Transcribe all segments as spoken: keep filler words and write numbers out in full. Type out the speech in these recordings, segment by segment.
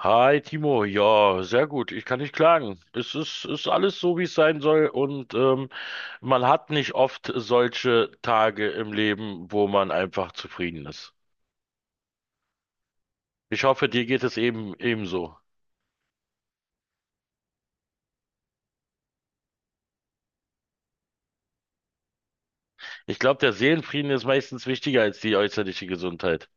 Hi Timo, ja, sehr gut. Ich kann nicht klagen. Es ist, ist alles so, wie es sein soll. Und ähm, man hat nicht oft solche Tage im Leben, wo man einfach zufrieden ist. Ich hoffe, dir geht es eben ebenso. Ich glaube, der Seelenfrieden ist meistens wichtiger als die äußerliche Gesundheit.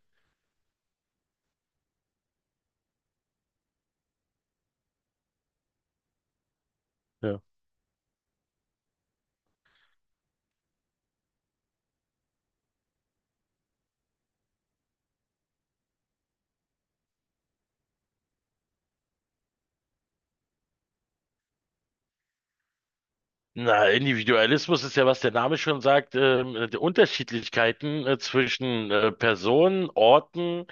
Ja. Na, Individualismus ist ja, was der Name schon sagt, ähm, die Unterschiedlichkeiten äh, zwischen äh, Personen, Orten,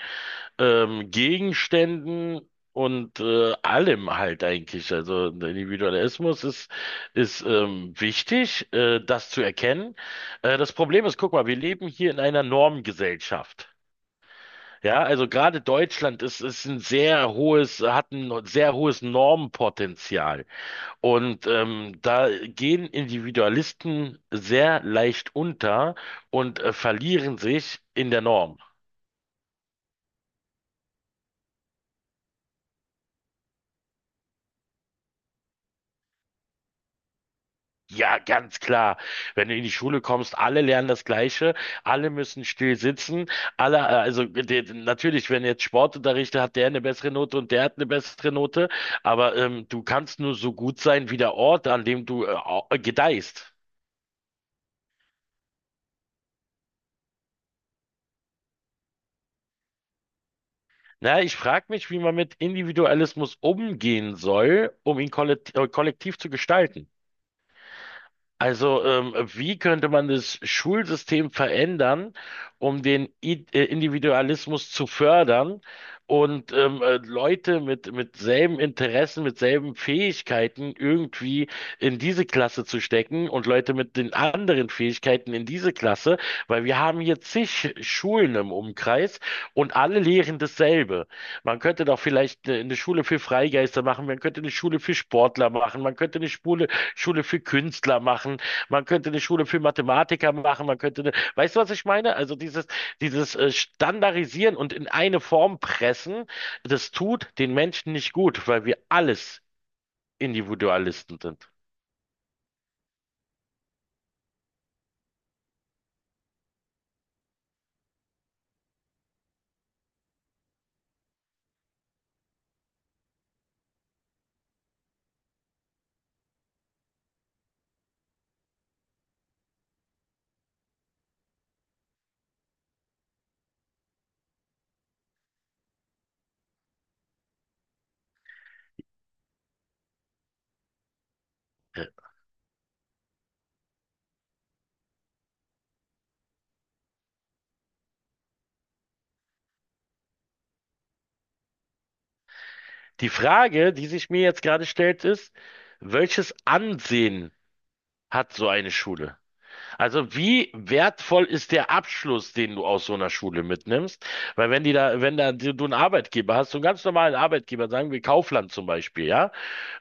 ähm, Gegenständen und äh, allem halt eigentlich. Also der Individualismus ist, ist ähm, wichtig, äh, das zu erkennen. Äh, das Problem ist, guck mal, wir leben hier in einer Normgesellschaft. Ja, also gerade Deutschland ist, ist ein sehr hohes, hat ein sehr hohes Normpotenzial. Und ähm, da gehen Individualisten sehr leicht unter und äh, verlieren sich in der Norm. Ja, ganz klar. Wenn du in die Schule kommst, alle lernen das Gleiche, alle müssen still sitzen, alle, äh, also de- de- natürlich, wenn jetzt Sportunterricht hat, der eine bessere Note und der hat eine bessere Note, aber ähm, du kannst nur so gut sein wie der Ort, an dem du äh, au- äh, gedeihst. Na, ich frage mich, wie man mit Individualismus umgehen soll, um ihn kollektiv, äh, kollektiv zu gestalten. Also, ähm, wie könnte man das Schulsystem verändern, um den I äh, Individualismus zu fördern und ähm, äh, Leute mit, mit selben Interessen, mit selben Fähigkeiten irgendwie in diese Klasse zu stecken und Leute mit den anderen Fähigkeiten in diese Klasse? Weil wir haben hier zig Schulen im Umkreis und alle lehren dasselbe. Man könnte doch vielleicht äh, eine Schule für Freigeister machen, man könnte eine Schule für Sportler machen, man könnte eine Schule, Schule für Künstler machen, man könnte eine Schule für Mathematiker machen, man könnte eine, weißt du, was ich meine? Also dieses, dieses äh, Standardisieren und in eine Form pressen, das tut den Menschen nicht gut, weil wir alles Individualisten sind. Die Frage, die sich mir jetzt gerade stellt, ist, welches Ansehen hat so eine Schule? Also wie wertvoll ist der Abschluss, den du aus so einer Schule mitnimmst? Weil wenn die da, wenn da du einen Arbeitgeber hast, so einen ganz normalen Arbeitgeber, sagen wir Kaufland zum Beispiel, ja,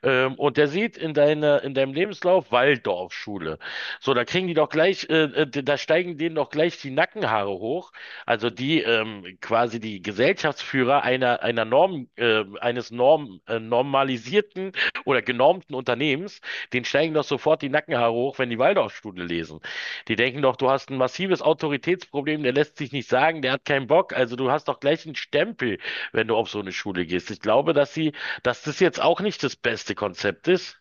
ähm, und der sieht in deiner, in deinem Lebenslauf Waldorfschule. So, da kriegen die doch gleich, äh, äh, da steigen denen doch gleich die Nackenhaare hoch. Also die ähm, quasi die Gesellschaftsführer einer, einer Norm, äh, eines Norm, äh, normalisierten oder genormten Unternehmens, denen steigen doch sofort die Nackenhaare hoch, wenn die Waldorfschule lesen. Die denken doch, du hast ein massives Autoritätsproblem, der lässt sich nicht sagen, der hat keinen Bock. Also du hast doch gleich einen Stempel, wenn du auf so eine Schule gehst. Ich glaube, dass sie dass das jetzt auch nicht das beste Konzept ist.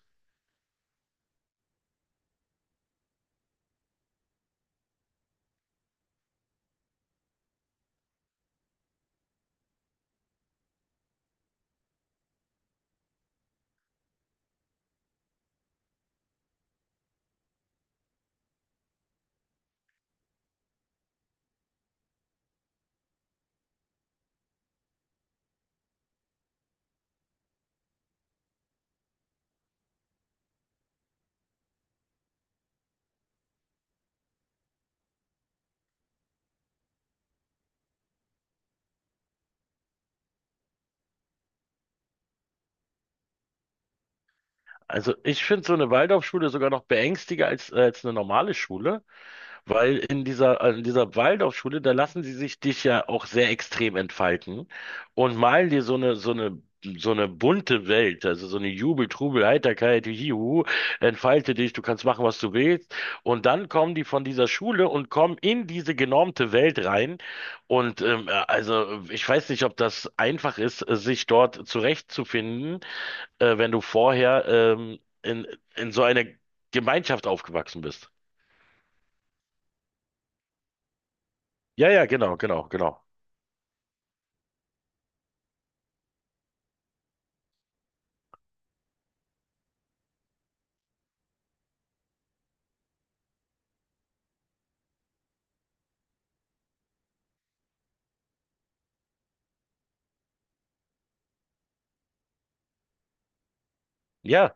Also ich finde so eine Waldorfschule sogar noch beängstiger als, äh, als eine normale Schule. Weil in dieser, also in dieser Waldorfschule, da lassen sie sich dich ja auch sehr extrem entfalten und malen dir so eine, so eine, so eine bunte Welt, also so eine Jubel, Trubel, Heiterkeit, Juhu, entfalte dich, du kannst machen, was du willst. Und dann kommen die von dieser Schule und kommen in diese genormte Welt rein. Und ähm, äh, also ich weiß nicht, ob das einfach ist, äh, sich dort zurechtzufinden, äh, wenn du vorher ähm, in, in so einer Gemeinschaft aufgewachsen bist. Ja, ja, genau, genau, genau. Ja,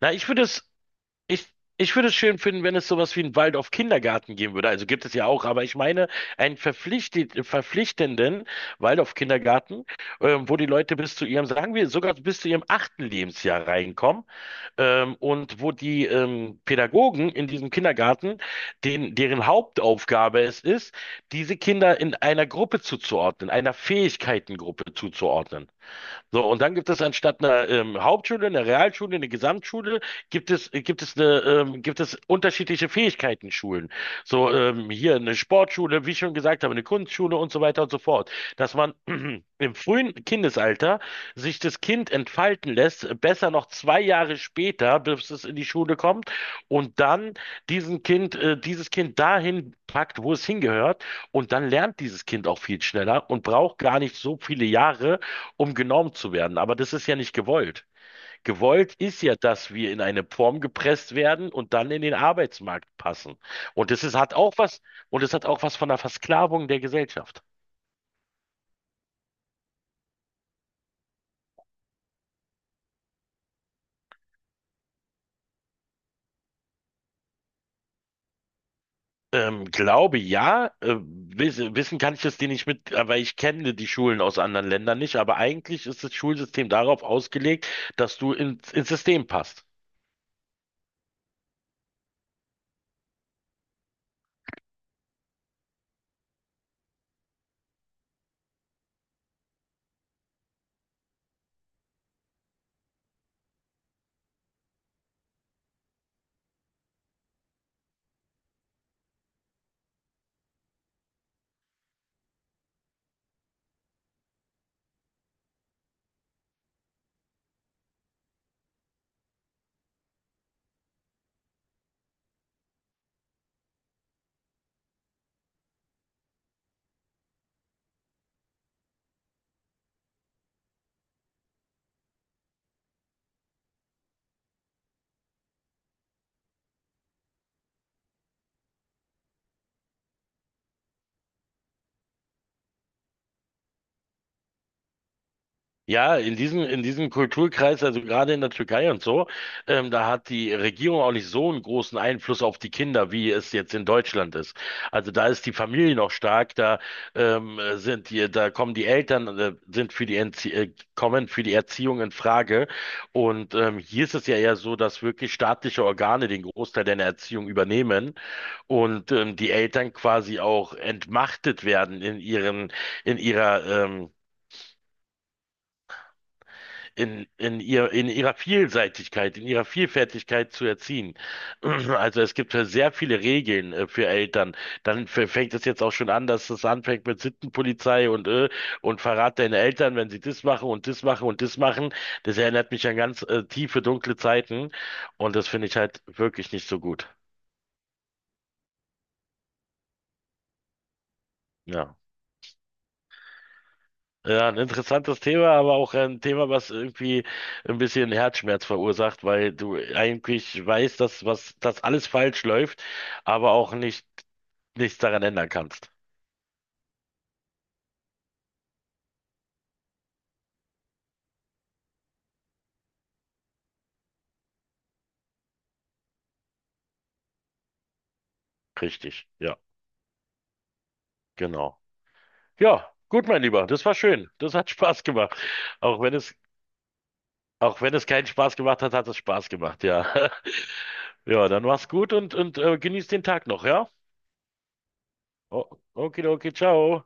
na, ich würde es, ich, ich würde es schön finden, wenn es sowas wie einen Waldorf Kindergarten geben würde. Also gibt es ja auch, aber ich meine einen verpflichtet, verpflichtenden Waldorf Kindergarten, ähm, wo die Leute bis zu ihrem, sagen wir, sogar bis zu ihrem achten Lebensjahr reinkommen, ähm, und wo die ähm, Pädagogen in diesem Kindergarten, den, deren Hauptaufgabe es ist, diese Kinder in einer Gruppe zuzuordnen, einer Fähigkeitengruppe zuzuordnen. So, und dann gibt es anstatt einer ähm, Hauptschule, einer Realschule, eine Gesamtschule, gibt es, äh, gibt es eine, ähm, gibt es unterschiedliche Fähigkeitenschulen. So, ähm, hier eine Sportschule, wie ich schon gesagt habe, eine Kunstschule und so weiter und so fort. Dass man im frühen Kindesalter sich das Kind entfalten lässt, besser noch zwei Jahre später, bis es in die Schule kommt, und dann diesen Kind, äh, dieses Kind dahin packt, wo es hingehört, und dann lernt dieses Kind auch viel schneller und braucht gar nicht so viele Jahre, um genormt zu werden. Aber das ist ja nicht gewollt. Gewollt ist ja, dass wir in eine Form gepresst werden und dann in den Arbeitsmarkt passen. Und das ist, hat auch was, und es hat auch was von der Versklavung der Gesellschaft. Ähm, glaube ja, äh, wiss, wissen kann ich das dir nicht mit, aber ich kenne die Schulen aus anderen Ländern nicht, aber eigentlich ist das Schulsystem darauf ausgelegt, dass du ins, ins System passt. Ja, in diesem, in diesem Kulturkreis, also gerade in der Türkei und so, ähm, da hat die Regierung auch nicht so einen großen Einfluss auf die Kinder, wie es jetzt in Deutschland ist. Also da ist die Familie noch stark, da ähm, sind die, da kommen die Eltern, äh, sind für die Entzie äh, kommen für die Erziehung in Frage. Und ähm, hier ist es ja eher so, dass wirklich staatliche Organe den Großteil der Erziehung übernehmen und ähm, die Eltern quasi auch entmachtet werden in ihren, in ihrer ähm, in, in ihr, in ihrer Vielseitigkeit, in ihrer Vielfältigkeit zu erziehen. Also es gibt ja sehr viele Regeln äh, für Eltern. Dann f- fängt es jetzt auch schon an, dass es anfängt mit Sittenpolizei und äh, und verrat deine Eltern, wenn sie das machen und das machen und das machen. Das erinnert mich an ganz äh, tiefe, dunkle Zeiten und das finde ich halt wirklich nicht so gut. Ja. Ja, ein interessantes Thema, aber auch ein Thema, was irgendwie ein bisschen Herzschmerz verursacht, weil du eigentlich weißt, dass was, dass alles falsch läuft, aber auch nicht, nichts daran ändern kannst. Richtig, ja, genau. Ja, gut, mein Lieber, das war schön. Das hat Spaß gemacht. Auch wenn es, auch wenn es keinen Spaß gemacht hat, hat es Spaß gemacht, ja. Ja, dann mach's gut und, und äh, genieß den Tag noch, ja? O- Okidoki, ciao.